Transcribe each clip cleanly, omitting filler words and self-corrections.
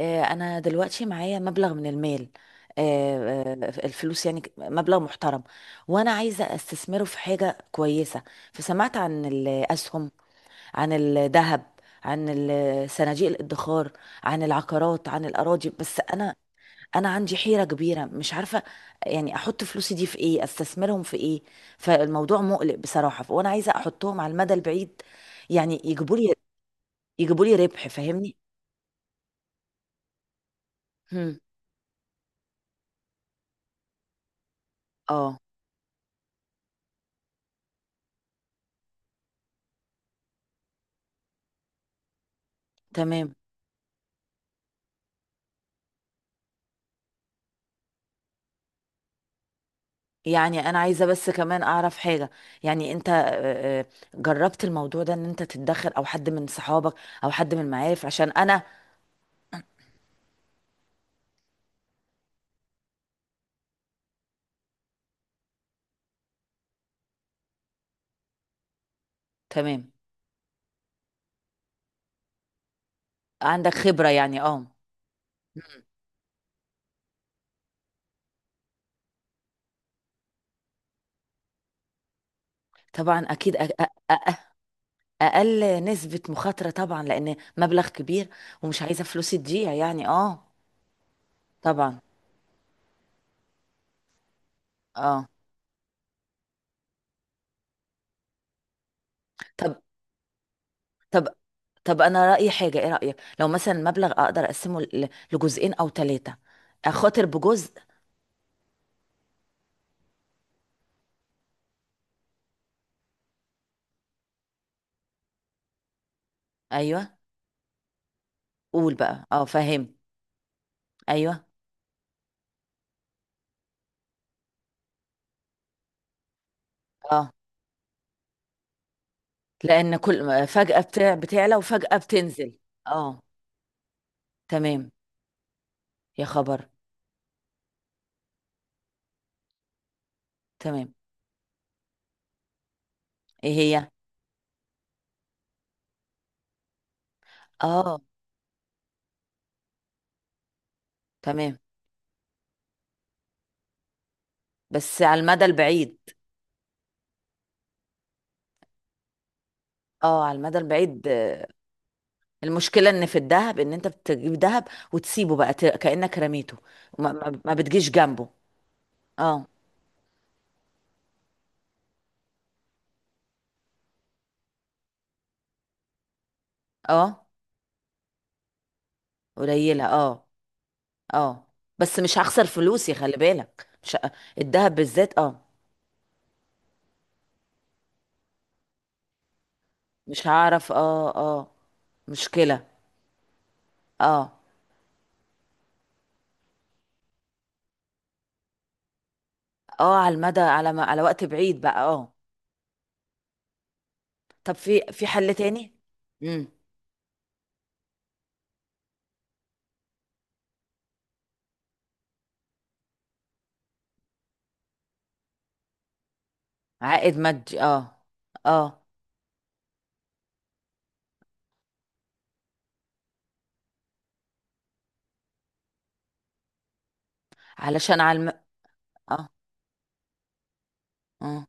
انا دلوقتي معايا مبلغ من المال. آه، آه، الفلوس يعني مبلغ محترم، وانا عايزه استثمره في حاجه كويسه. فسمعت عن الاسهم، عن الذهب، عن صناديق الادخار، عن العقارات، عن الاراضي. بس انا عندي حيره كبيره، مش عارفه يعني احط فلوسي دي في ايه، استثمرهم في ايه. فالموضوع مقلق بصراحه، وانا عايزه احطهم على المدى البعيد، يعني يجيبوا لي ربح، فاهمني. هم. اه. تمام. يعني انا عايزه بس كمان اعرف حاجه. يعني انت جربت الموضوع ده ان انت تتدخل او حد من صحابك او حد من المعارف؟ عشان انا. تمام. عندك خبره يعني، اه. طبعا اكيد. أ- اقل نسبه مخاطره طبعا، لان مبلغ كبير ومش عايزه فلوسي تضيع، يعني اه. طبعا. اه. طب طب طب، انا رايي حاجه. ايه رايك لو مثلا المبلغ اقدر اقسمه لجزئين او ثلاثه، اخاطر بجزء؟ ايوه، قول بقى، اه فاهم. ايوه. اه، لان كل فجأة بتاع بتعلى وفجأة بتنزل. اه. تمام. يا خبر. تمام. ايه هي؟ اه. تمام، بس على المدى البعيد. اه، على المدى البعيد. آه، المشكلة ان في الذهب، ان انت بتجيب ذهب وتسيبه بقى، كأنك رميته. ما بتجيش جنبه. اه. اه. قليلة، اه. اه. بس مش هخسر فلوسي، خلي بالك. مش ه- الذهب بالذات، اه. مش هعرف، اه اه. مشكلة. اه اه، على المدى، على ما على وقت بعيد بقى، اه. طب في حل تاني؟ امم. عائد مادي، اه. اه. علشان على اه اه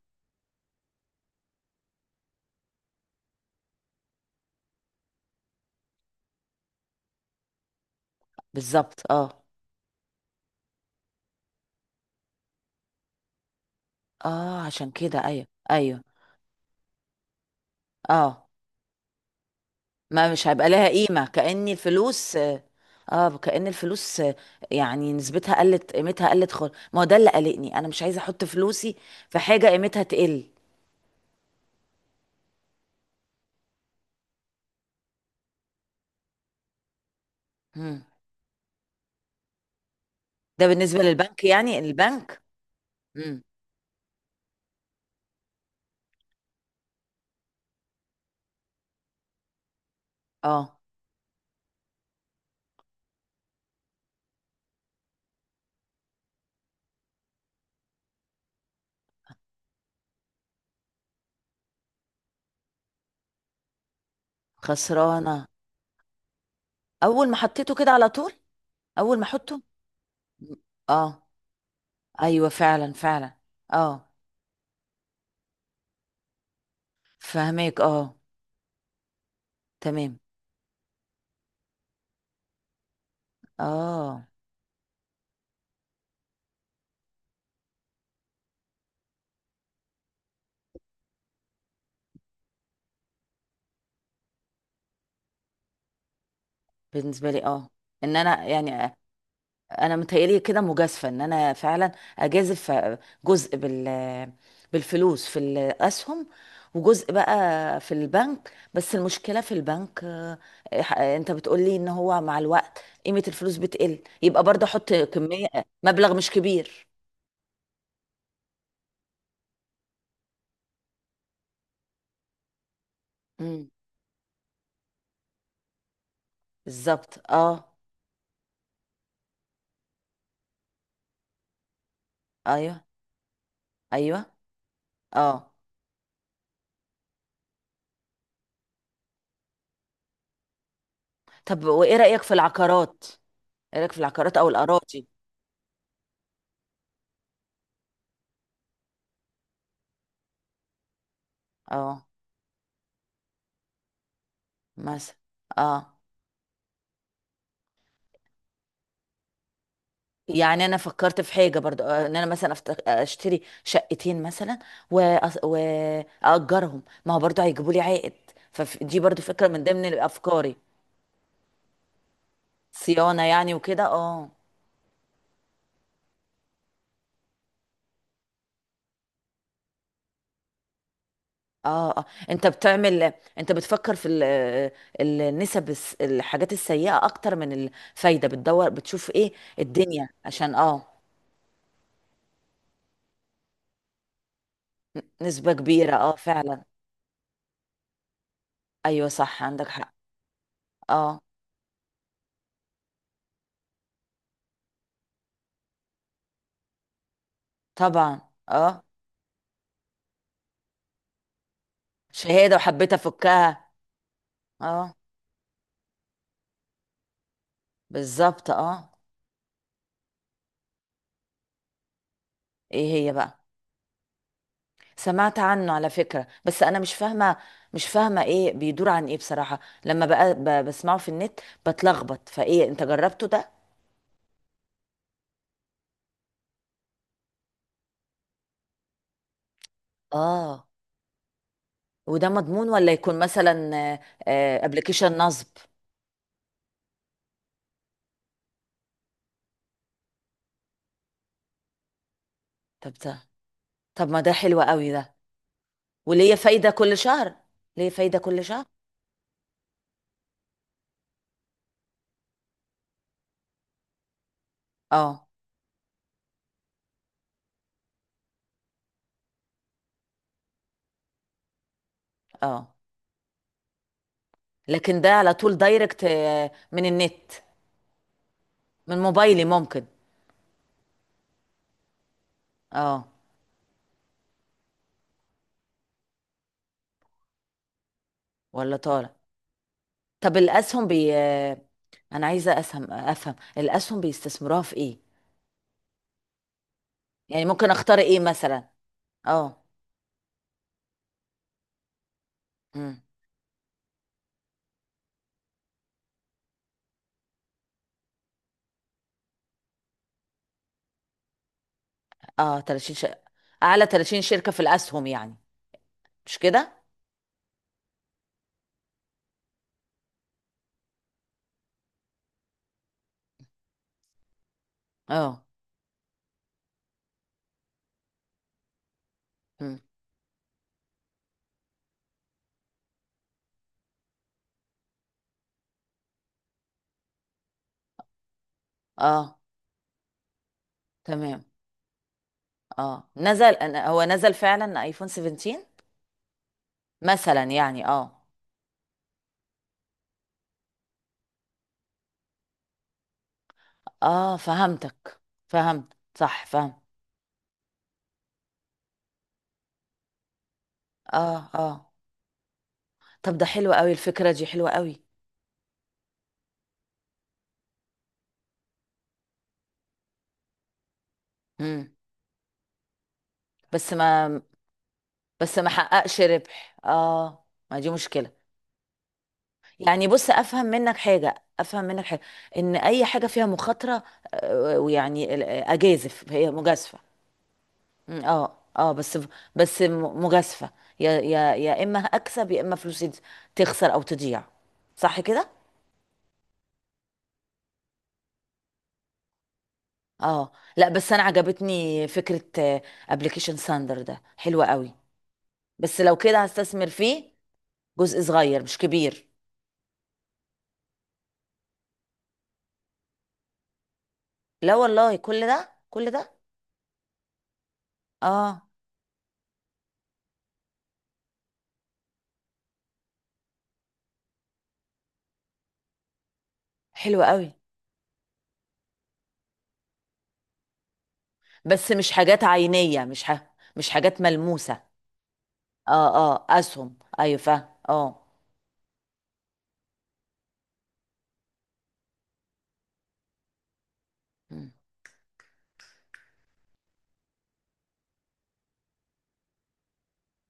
بالظبط، اه اه، عشان كده، ايوه ايوه. اه، ما مش هيبقى لها قيمة، كأن الفلوس. اه، كأن الفلوس. آه، يعني نسبتها قلت، قيمتها قلت خالص. ما هو ده اللي قلقني، انا مش عايزة احط فلوسي في حاجة قيمتها تقل. مم. ده بالنسبة للبنك، يعني البنك. مم. اه، خسرانة. اول ما حطيته كده على طول. اول ما احطه. اه، ايوه فعلا فعلا. اه. فهميك، اه. تمام. اه. بالنسبه لي، اه. ان انا يعني انا متهيألي كده مجازفه، ان انا فعلا اجازف جزء بالفلوس في الاسهم، وجزء بقى في البنك. بس المشكله في البنك، انت بتقولي ان هو مع الوقت قيمه الفلوس بتقل، يبقى برضه احط كميه مبلغ مش كبير. امم. بالظبط، اه. ايوه ايوه. اه. طب وايه رأيك في العقارات؟ ايه رأيك في العقارات او الأراضي؟ اه، مثلا. اه، يعني انا فكرت في حاجة برضو، آه، ان انا مثلا اشتري شقتين مثلا، واجرهم. ما هو برضو هيجيبوا لي عائد. فدي برضو فكرة من ضمن افكاري. صيانة يعني وكده، اه. اه. اه، انت بتعمل. انت بتفكر في النسب، الحاجات السيئة اكتر من الفايدة، بتدور بتشوف ايه الدنيا، عشان اه. نسبة كبيرة، اه فعلا. ايوه صح، عندك حق. اه. طبعا. اه. شهاده وحبيت افكها. اه. بالظبط، اه. ايه هي بقى؟ سمعت عنه على فكره، بس انا مش فاهمه. مش فاهمه ايه بيدور عن ايه بصراحه. لما بقى بسمعه في النت بتلخبط. فايه، انت جربته ده؟ اه. وده مضمون، ولا يكون مثلا ابلكيشن نصب؟ طب ده، طب ما ده حلو قوي ده. وليه فايده كل شهر؟ ليه فايده كل شهر؟ اه. اه. لكن ده على طول دايركت، آه، من النت، من موبايلي ممكن. اه. ولا طالع. طب الاسهم، بي آه، انا عايزه اسهم، افهم الاسهم بيستثمروها في ايه؟ يعني ممكن اختار ايه مثلا؟ اه. امم. اه. 30 اعلى 30 شركه في الاسهم يعني؟ مش كده. اه. امم. اه. تمام. اه، نزل. هو نزل فعلا ايفون 17 مثلا، يعني اه. اه، فهمتك. فهمت. صح فهمت. اه. اه. طب ده حلو قوي، الفكرة دي حلوة قوي. امم. بس ما، بس ما حققش ربح، اه. ما دي مشكلة. يعني بص، افهم منك حاجة. ان اي حاجة فيها مخاطرة، آه، ويعني اجازف هي مجازفة. مم، اه اه. بس. بس مجازفة. يا اما اكسب، يا اما فلوسي تخسر او تضيع. صح كده. اه. لا بس انا عجبتني فكرة ابلكيشن ساندر ده، حلوة قوي. بس لو كده هستثمر فيه جزء صغير مش كبير. لا والله كل ده كل ده. اه، حلو قوي. بس مش حاجات عينية، مش مش حاجات ملموسة. اه اه، اسهم، ايوه فاهم، اه. مم.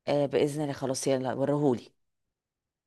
آه، باذن الله، خلاص يلا، وريهولي.